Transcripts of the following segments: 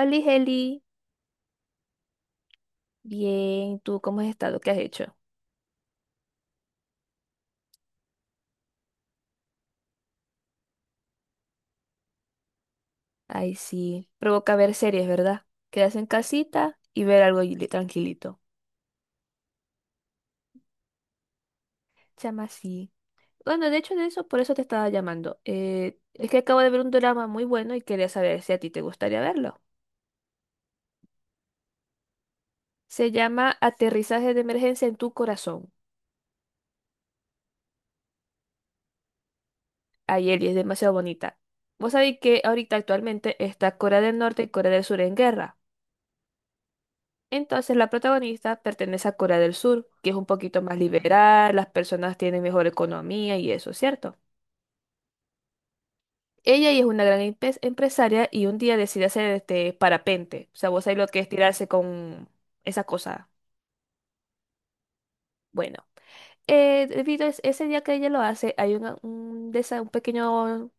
Oli, Heli, bien, ¿tú cómo has estado? ¿Qué has hecho? Ay, sí, provoca ver series, ¿verdad? Quedarse en casita y ver algo, tranquilito. Chama, sí. Bueno, de hecho, de eso, por eso te estaba llamando. Es que acabo de ver un drama muy bueno y quería saber si a ti te gustaría verlo. Se llama Aterrizaje de Emergencia en tu Corazón. Ay, Eli, es demasiado bonita. Vos sabéis que ahorita actualmente está Corea del Norte y Corea del Sur en guerra. Entonces, la protagonista pertenece a Corea del Sur, que es un poquito más liberal, las personas tienen mejor economía y eso, ¿cierto? Ella y es una gran empresaria, y un día decide hacer este parapente. O sea, vos sabés lo que es tirarse con esa cosa. Bueno, debido a ese día que ella lo hace, hay una- un, desa- un pequeño,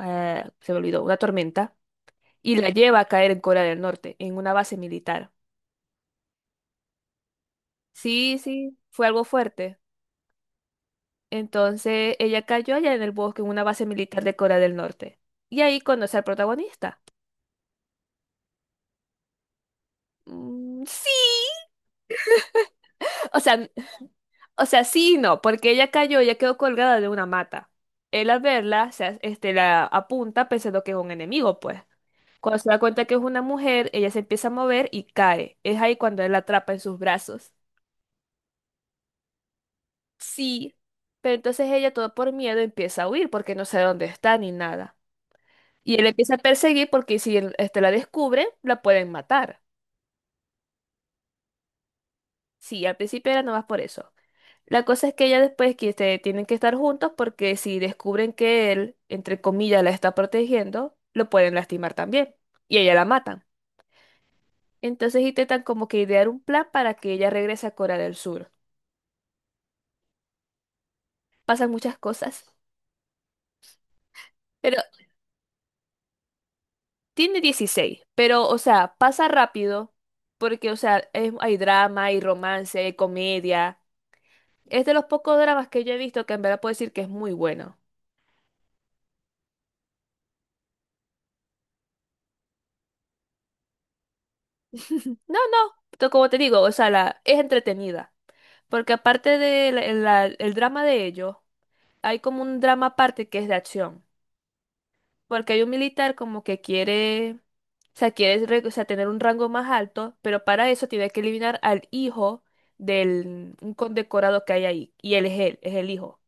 se me olvidó, una tormenta, y la lleva a caer en Corea del Norte, en una base militar. Sí, sí, fue algo fuerte. Entonces ella cayó allá en el bosque, en una base militar de Corea del Norte. Y ahí conoce al protagonista. Mm, sí, o sea, o sea, sí y no, porque ella cayó, ella quedó colgada de una mata. Él, al verla, este, la apunta pensando que es un enemigo, pues. Cuando se da cuenta que es una mujer, ella se empieza a mover y cae. Es ahí cuando él la atrapa en sus brazos. Sí, pero entonces ella, todo por miedo, empieza a huir porque no sabe dónde está ni nada. Y él empieza a perseguir porque si él, este, la descubre, la pueden matar. Sí, al principio era nomás por eso. La cosa es que ya después, que este, tienen que estar juntos porque si descubren que él, entre comillas, la está protegiendo, lo pueden lastimar también. Y a ella la matan. Entonces intentan como que idear un plan para que ella regrese a Corea del Sur. Pasan muchas cosas. Pero tiene 16, pero o sea, pasa rápido porque o sea, hay drama, hay romance, hay comedia. Es de los pocos dramas que yo he visto que en verdad puedo decir que es muy bueno. No, no, como te digo, o sea, la, es entretenida. Porque aparte del el drama de ellos, hay como un drama aparte que es de acción. Porque hay un militar como que quiere, o sea, quiere o sea, tener un rango más alto, pero para eso tiene que eliminar al hijo del un condecorado que hay ahí. Y es el hijo.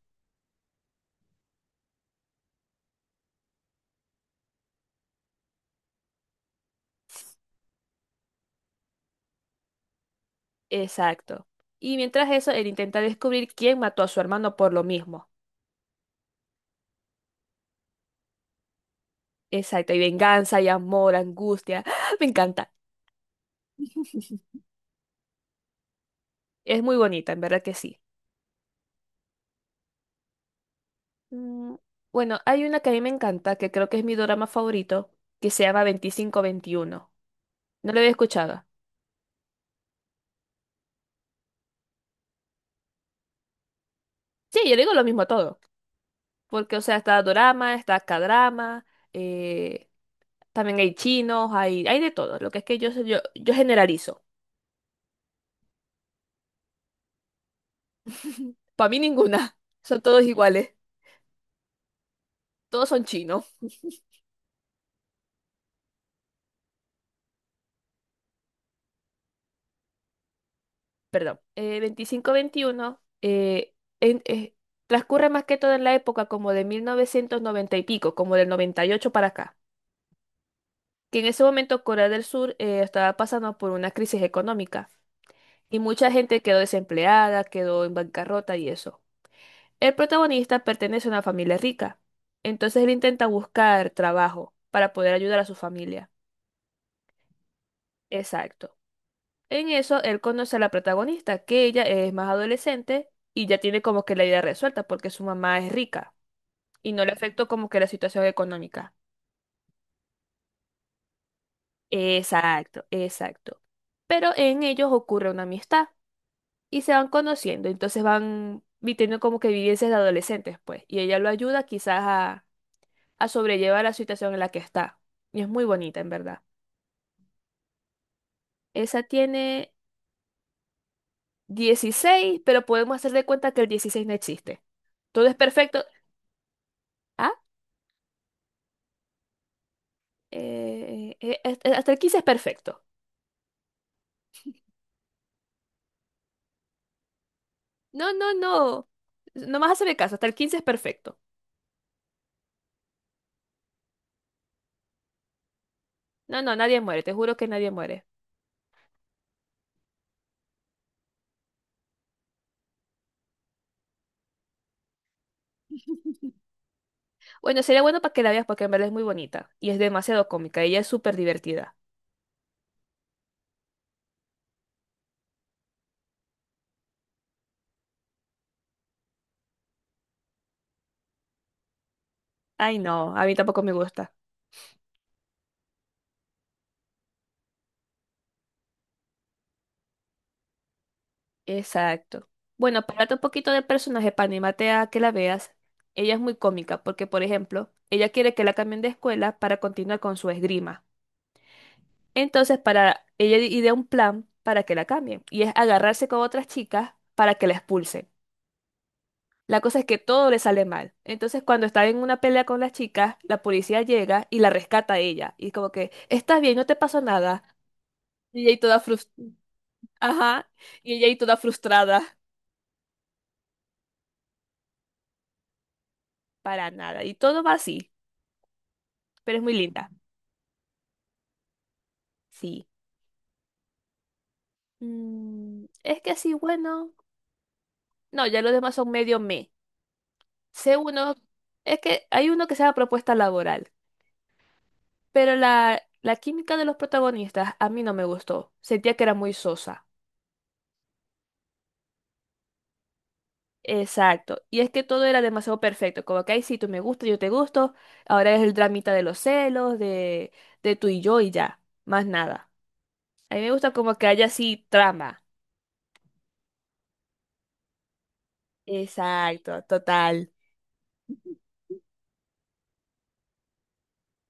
Exacto. Y mientras eso, él intenta descubrir quién mató a su hermano, por lo mismo. Exacto. Y venganza, y amor, angustia. Me encanta. Es muy bonita, en verdad que sí. Mm, Bueno, hay una que a mí me encanta, que creo que es mi drama favorito, que se llama Veinticinco Veintiuno. No lo había escuchado. Sí, yo le digo lo mismo a todo. Porque, o sea, está dorama, está k eh, también hay chinos, hay de todo. Lo que es que yo generalizo. Para mí ninguna. Son todos iguales. Todos son chinos. Perdón. Veinticinco Veintiuno en- eh, transcurre más que todo en la época, como de 1990 y pico, como del 98 para acá. Que en ese momento Corea del Sur estaba pasando por una crisis económica, y mucha gente quedó desempleada, quedó en bancarrota y eso. El protagonista pertenece a una familia rica, entonces él intenta buscar trabajo para poder ayudar a su familia. Exacto. En eso él conoce a la protagonista, que ella es más adolescente y ya tiene como que la idea resuelta porque su mamá es rica y no le afectó como que la situación económica. Exacto, exacto. Pero en ellos ocurre una amistad, y se van conociendo, entonces van como que vivencias de adolescentes, pues, y ella lo ayuda quizás a, sobrellevar la situación en la que está. Y es muy bonita, en verdad. Esa tiene 16, pero podemos hacer de cuenta que el 16 no existe. Todo es perfecto. Ah, hasta el 15 es perfecto. No, no, no. No más hacerme caso, hasta el 15 es perfecto. No, no, nadie muere, te juro que nadie muere. Bueno, sería bueno para que la veas porque en verdad es muy bonita y es demasiado cómica, ella es súper divertida. Ay, no, a mí tampoco me gusta. Exacto. Bueno, para darte un poquito de personaje, para animarte a que la veas, ella es muy cómica porque, por ejemplo, ella quiere que la cambien de escuela para continuar con su esgrima. Entonces, para ella idea un plan para que la cambien, y es agarrarse con otras chicas para que la expulsen. La cosa es que todo le sale mal. Entonces, cuando está en una pelea con las chicas, la policía llega y la rescata a ella. Y como que, ¿estás bien? No te pasó nada. Y ella ahí toda frus- Ajá, y ella ahí toda frustrada. Para nada. Y todo va así, pero es muy linda. Sí. Es que sí, bueno. No, ya los demás son medio me. Sé uno, es que hay uno que se llama Propuesta Laboral, pero la, química de los protagonistas a mí no me gustó. Sentía que era muy sosa. Exacto. Y es que todo era demasiado perfecto. Como que, ay, sí, tú me gustas, yo te gusto. Ahora es el dramita de los celos, de tú y yo y ya. Más nada. A mí me gusta como que haya así trama. Exacto, total.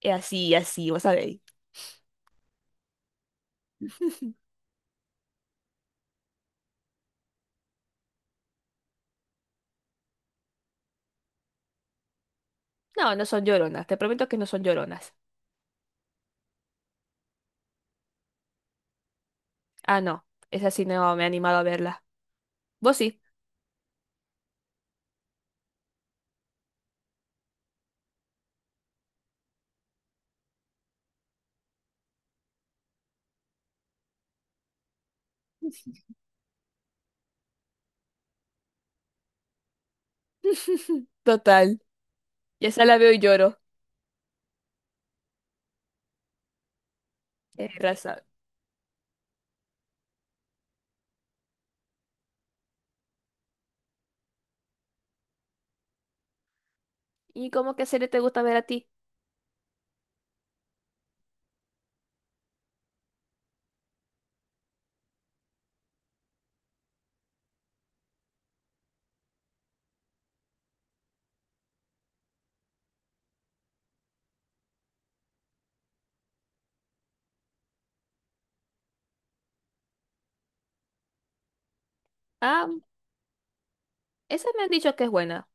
Y así, vas a ver. No, no son lloronas, te prometo que no son lloronas. Ah, no, esa sí no me he animado a verla. ¿Vos sí? Total, ya esa la veo y lloro. Tienes razón. ¿Y cómo qué serie te gusta ver a ti? Ah, esa me han dicho que es buena.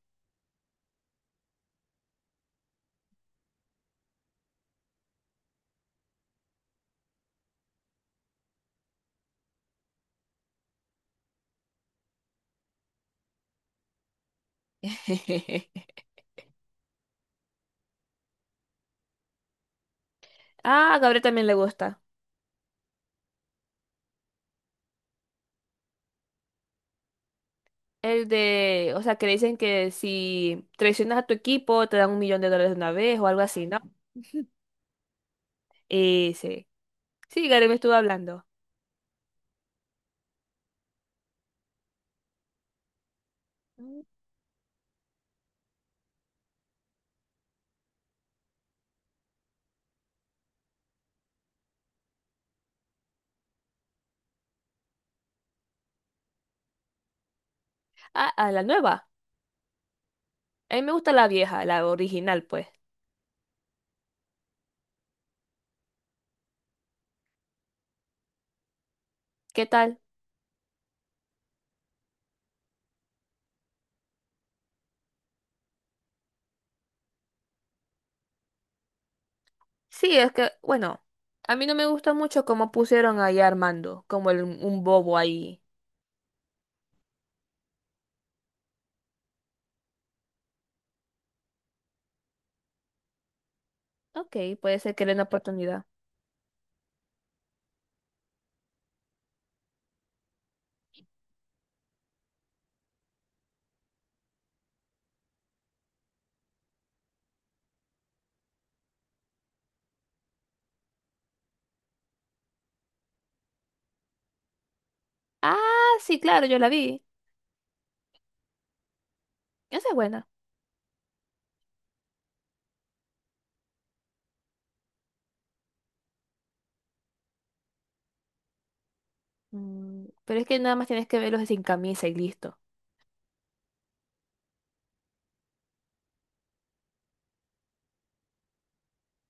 Ah, a Gabriel también le gusta. El de, o sea, que dicen que si traicionas a tu equipo te dan un millón de dólares de una vez o algo así, ¿no? Ese. Sí, Gabriel me estuvo hablando. Mm. Ah, a la nueva. A mí me gusta la vieja, la original, pues. ¿Qué tal? Sí, es que, bueno, a mí no me gusta mucho cómo pusieron ahí a Armando, como un bobo ahí. Ok, puede ser que le den oportunidad. Ah, sí, claro, yo la vi. Esa es buena. Pero es que nada más tienes que verlos de sin camisa y listo.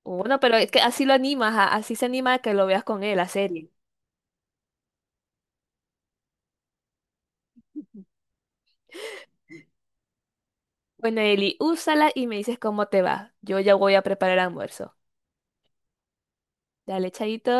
Bueno, pero es que así lo animas, así se anima a que lo veas con él, la serie. Bueno, Eli, úsala y me dices cómo te va. Yo ya voy a preparar el almuerzo. Dale, chaito.